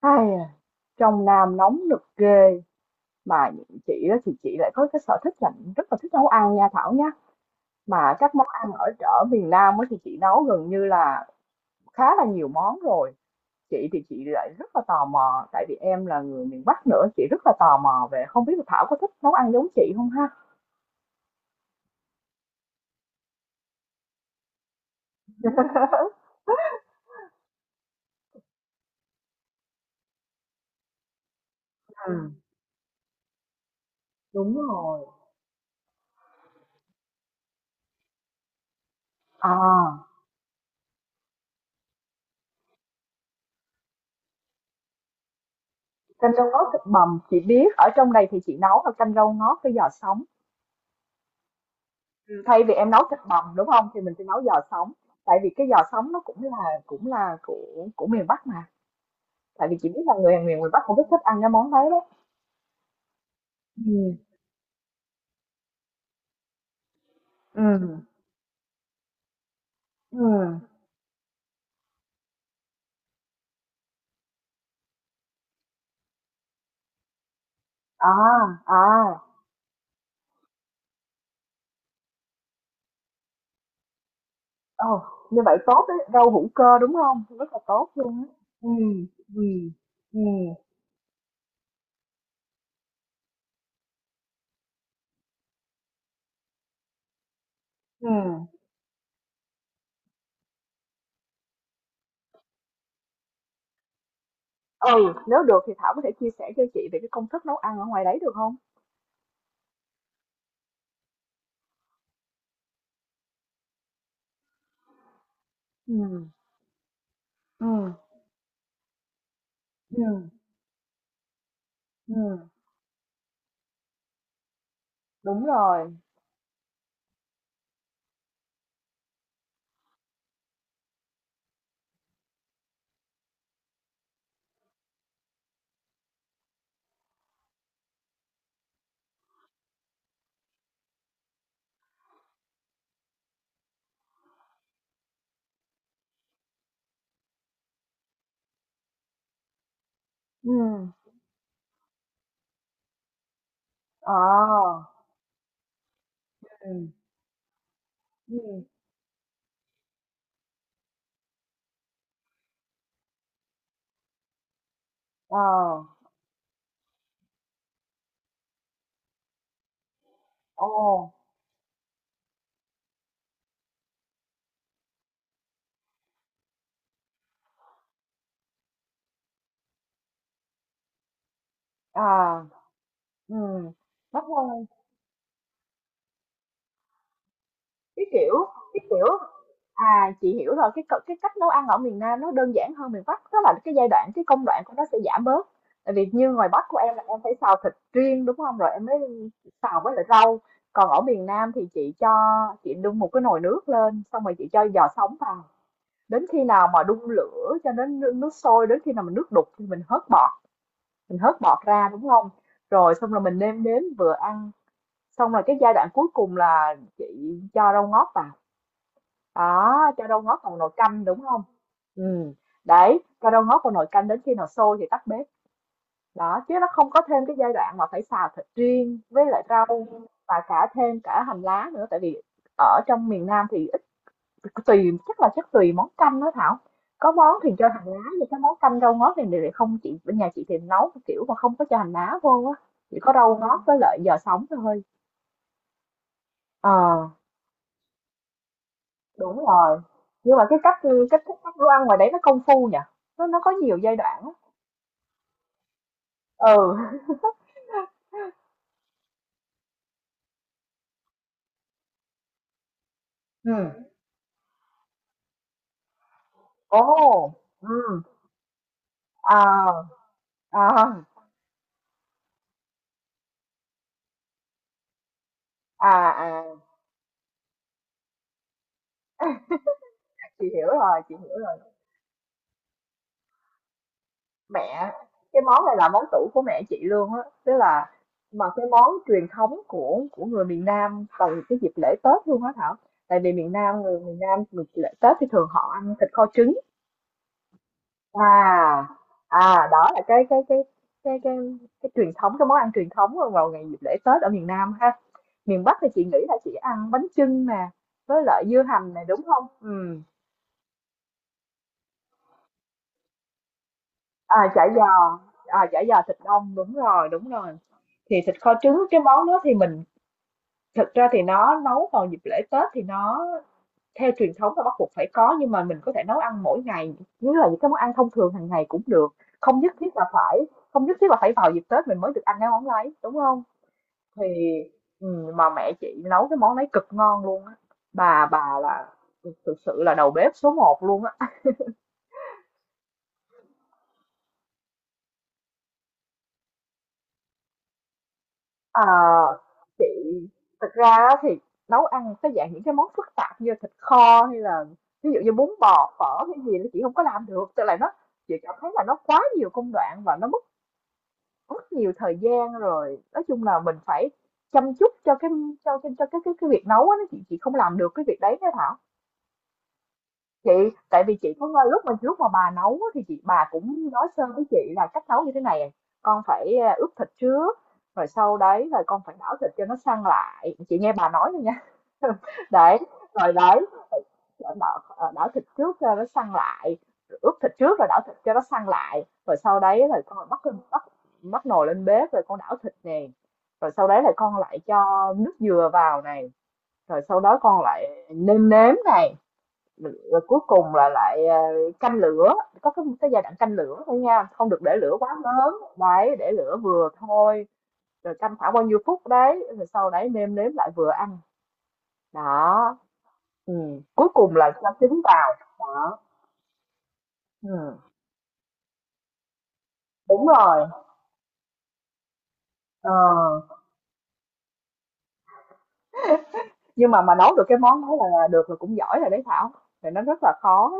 Ai à, trong Nam nóng nực ghê, mà những chị đó thì chị lại có cái sở thích là rất là thích nấu ăn nha Thảo nhá. Mà các món ăn ở ở miền Nam ấy thì chị nấu gần như là khá là nhiều món rồi. Chị thì chị lại rất là tò mò tại vì em là người miền Bắc nữa, chị rất là tò mò về không biết là Thảo có thích nấu ăn giống chị không ha? À, đúng rồi. À. Canh rau ngót thịt bằm chị biết, ở trong đây thì chị nấu là canh rau ngót với giò sống. Thay vì em nấu thịt bằm đúng không thì mình sẽ nấu giò sống. Tại vì cái giò sống nó cũng là của miền Bắc mà. Tại vì chị biết là người miền miền Bắc cũng rất thích ăn cái món đấy đấy. Ừ. Ừ. Ừ. À. À. Ồ. Như vậy tốt đấy, rau hữu cơ đúng không, rất là tốt luôn á. Ừ. Ừ. Ừ. Ừ. Ừ. Nếu được thì Thảo có thể chia sẻ cho chị về cái công thức nấu ăn ở ngoài đấy được không? Ừ. Ừ. Ừ. Ừ. Đúng rồi. Ừ. À. Ừ. Ừ. Ờ. Ồ. À. Ừm. Bắp ngô. Cái kiểu cái kiểu À, chị hiểu rồi, cái cách nấu ăn ở miền Nam nó đơn giản hơn miền Bắc, tức là cái giai đoạn, cái công đoạn của nó sẽ giảm bớt. Tại vì như ngoài Bắc của em là em phải xào thịt riêng, đúng không? Rồi em mới xào với lại rau. Còn ở miền Nam thì chị đun một cái nồi nước lên, xong rồi chị cho giò sống vào. Đến khi nào mà đun lửa cho đến nước nước sôi, đến khi nào mà nước đục thì mình hớt bọt ra, đúng không? Rồi xong rồi mình nêm nếm vừa ăn, xong rồi cái giai đoạn cuối cùng là chị cho rau ngót vào, đó, cho rau ngót vào nồi canh đúng không? Ừ. Đấy, cho rau ngót vào nồi canh đến khi nào sôi thì tắt bếp, đó chứ nó không có thêm cái giai đoạn mà phải xào thịt riêng với lại rau và cả thêm cả hành lá nữa, tại vì ở trong miền Nam thì ít. Tùy, chắc tùy món canh đó Thảo, có món thì cho hành lá nhưng cái món canh rau ngót thì lại không, chị bên nhà chị thì nấu kiểu mà không có cho hành lá vô á, chỉ có rau ngót với lại giò sống thôi. Ờ. Đúng rồi, nhưng mà cái cách cách thức nấu đồ ăn ngoài đấy nó công phu nhỉ? Nó có nhiều giai đoạn á. Ừ. Ừm. Ồ. Ừm. À, à, à, à, chị hiểu rồi, chị hiểu rồi. Mẹ, cái món này là món tủ của mẹ chị luôn á, tức là mà cái món truyền thống của người miền Nam vào cái dịp lễ Tết luôn á Thảo. Tại vì miền Nam, người miền Nam, người lễ Tết thì thường họ ăn thịt kho trứng. À, à, đó là cái cái cái truyền thống, cái món ăn truyền thống vào ngày dịp lễ Tết ở miền Nam ha. Miền Bắc thì chị nghĩ là chị ăn bánh chưng nè, với lại dưa hành này đúng không? Ừ. à chả giò À chả giò thịt đông, đúng rồi, đúng rồi. Thì thịt kho trứng cái món đó thì mình thực ra thì nó nấu vào dịp lễ Tết thì nó theo truyền thống là bắt buộc phải có, nhưng mà mình có thể nấu ăn mỗi ngày như là những cái món ăn thông thường hàng ngày cũng được. Không nhất thiết là phải Không nhất thiết là phải vào dịp Tết mình mới được ăn cái món đấy đúng không? Thì, mà mẹ chị nấu cái món đấy cực ngon luôn á. Bà là thực sự là đầu bếp số một luôn á. À, chị thực ra á thì nấu ăn cái dạng những cái món phức tạp như thịt kho hay là ví dụ như bún bò phở cái gì là chị không có làm được, tức là nó chị cảm thấy là nó quá nhiều công đoạn và nó mất mất nhiều thời gian rồi, nói chung là mình phải chăm chút cho cái việc nấu á, nó chị không làm được cái việc đấy nha thảo. Chị Tại vì chị có nghe lúc mà bà nấu á, thì bà cũng nói sơ với chị là cách nấu như thế này. Con phải ướp thịt trước rồi sau đấy rồi con phải đảo thịt cho nó săn lại. Chị nghe bà nói thôi nha. Đấy, rồi đấy đảo, đảo thịt trước cho nó săn lại. Rồi ướp thịt trước rồi đảo thịt cho nó săn lại rồi sau đấy rồi con bắt bắt bắt nồi lên bếp rồi con đảo thịt nè, rồi sau đấy là con lại cho nước dừa vào này, rồi sau đó con lại nêm nếm này, rồi cuối cùng là lại canh lửa. Có cái giai đoạn canh lửa thôi nha, không được để lửa quá lớn đấy, để lửa vừa thôi. Rồi canh khoảng bao nhiêu phút đấy rồi sau đấy nêm nếm lại vừa ăn. Đó. Ừ. Cuối cùng là cho trứng vào. Đó. Ừ. Đúng rồi. Ờ. Nhưng mà nấu được cái món đó là được là cũng giỏi rồi đấy Thảo, thì nó rất là khó.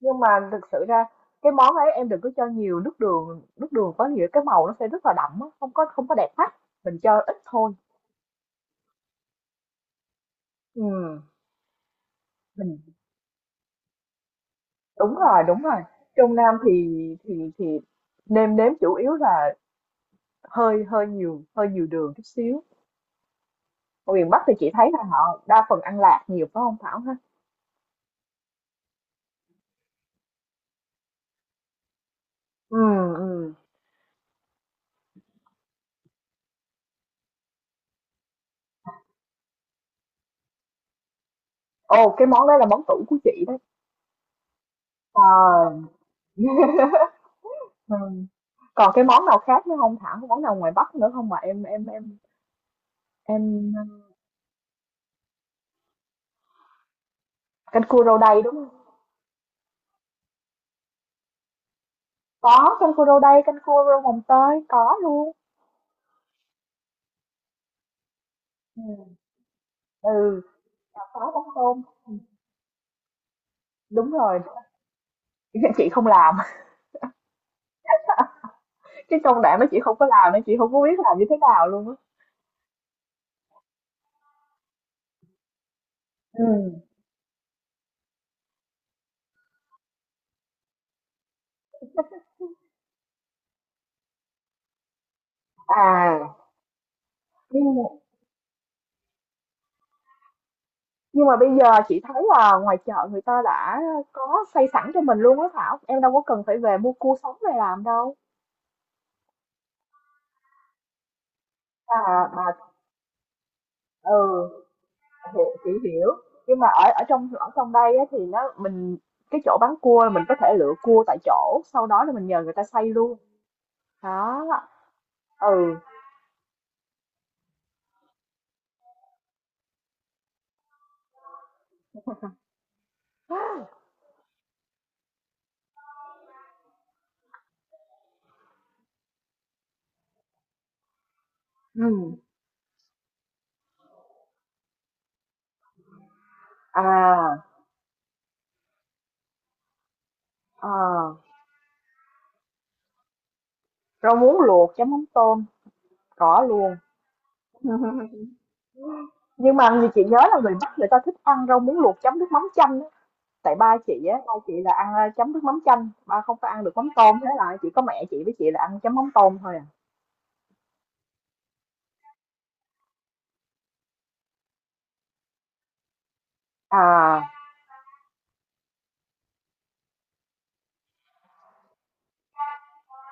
Nhưng mà thực sự ra cái món ấy em đừng có cho nhiều nước đường, nước đường có nhiều cái màu nó sẽ rất là đậm á, không có đẹp mắt, mình cho ít thôi. Ừm, mình đúng rồi, đúng rồi. Trong Nam thì thì thì nêm nếm chủ yếu là hơi hơi nhiều đường chút xíu. Ở miền Bắc thì chị thấy là họ đa phần ăn lạc nhiều phải không Thảo ha? Ừm. Ừm. Ồ, cái món đấy là món tủ của chị đấy. Ờ. Ừm. Còn cái món nào khác nữa không Thảo? Có món nào ngoài Bắc nữa không mà em em ờ, canh cua rau đay đúng không? Có canh cua rau đay, canh cua rau mồng tơi có luôn. Ừ, ừ, có mắm tôm. Đúng rồi. Chị không làm. Cái công đoạn đó chị không có làm nên chị không có biết làm như thế nào luôn á. Ừ. À, nhưng nhưng mà bây giờ chị thấy là ngoài chợ người ta đã có xây sẵn cho mình luôn á Thảo. Em đâu có cần phải về mua cua sống về làm đâu. À, mà ừ, thì, chị hiểu. Nhưng mà ở ở trong đây á, thì mình cái chỗ bán cua là mình có thể lựa cua tại chỗ, sau đó là mình nhờ người ta xay luôn. Đó. Ừ. Ừ. À, à, rau muống luộc chấm mắm tôm có luôn, nhưng mà như chị nhớ là người Bắc người ta thích ăn rau muống luộc chấm nước mắm chanh á. Tại ba chị á, ba chị là ăn chấm nước mắm chanh, ba không có ăn được mắm tôm, thế là chỉ có mẹ chị với chị là ăn chấm mắm tôm thôi. À. À.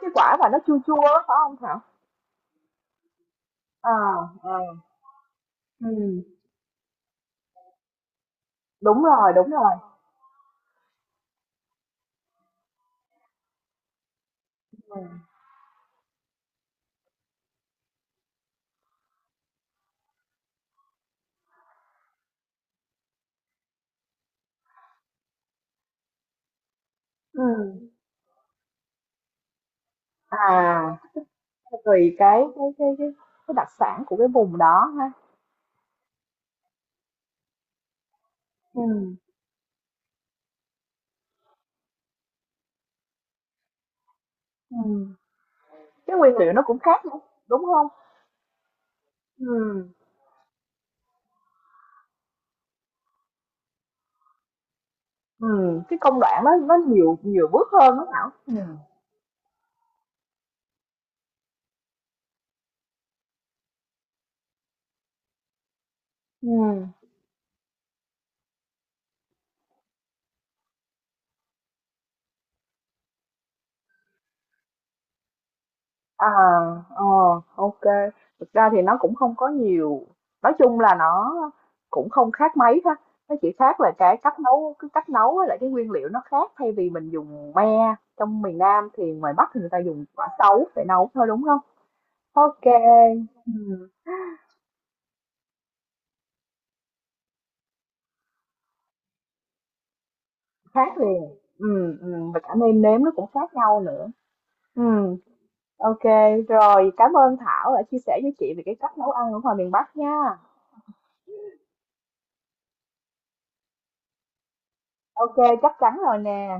Cái quả mà nó chua chua á phải không Thảo? À, à, ừ, đúng rồi, đúng rồi. Ừ. À, tùy cái đặc sản của cái vùng đó ha. Ừ. Ừ. Cái nguyên liệu nó cũng khác nữa đúng không? Ừ. Ừ. Cái công đoạn nó nhiều nhiều bước hơn đó Thảo. Ừ. Ừ. À. Ờ. OK. Thực ra thì nó cũng không có nhiều, nói chung là nó cũng không khác mấy ha, nó chỉ khác là cái cách nấu với lại cái nguyên liệu nó khác, thay vì mình dùng me trong miền Nam thì ngoài Bắc thì người ta dùng quả sấu để nấu thôi, đúng không? OK. Ừm. Khác liền. Ừm. Ừm. Và cả nêm nếm nó cũng khác nhau nữa. Ừm. OK, rồi, cảm ơn Thảo đã chia sẻ với chị về cái cách nấu ăn ở ngoài miền Bắc nha. OK, chắc chắn rồi nè.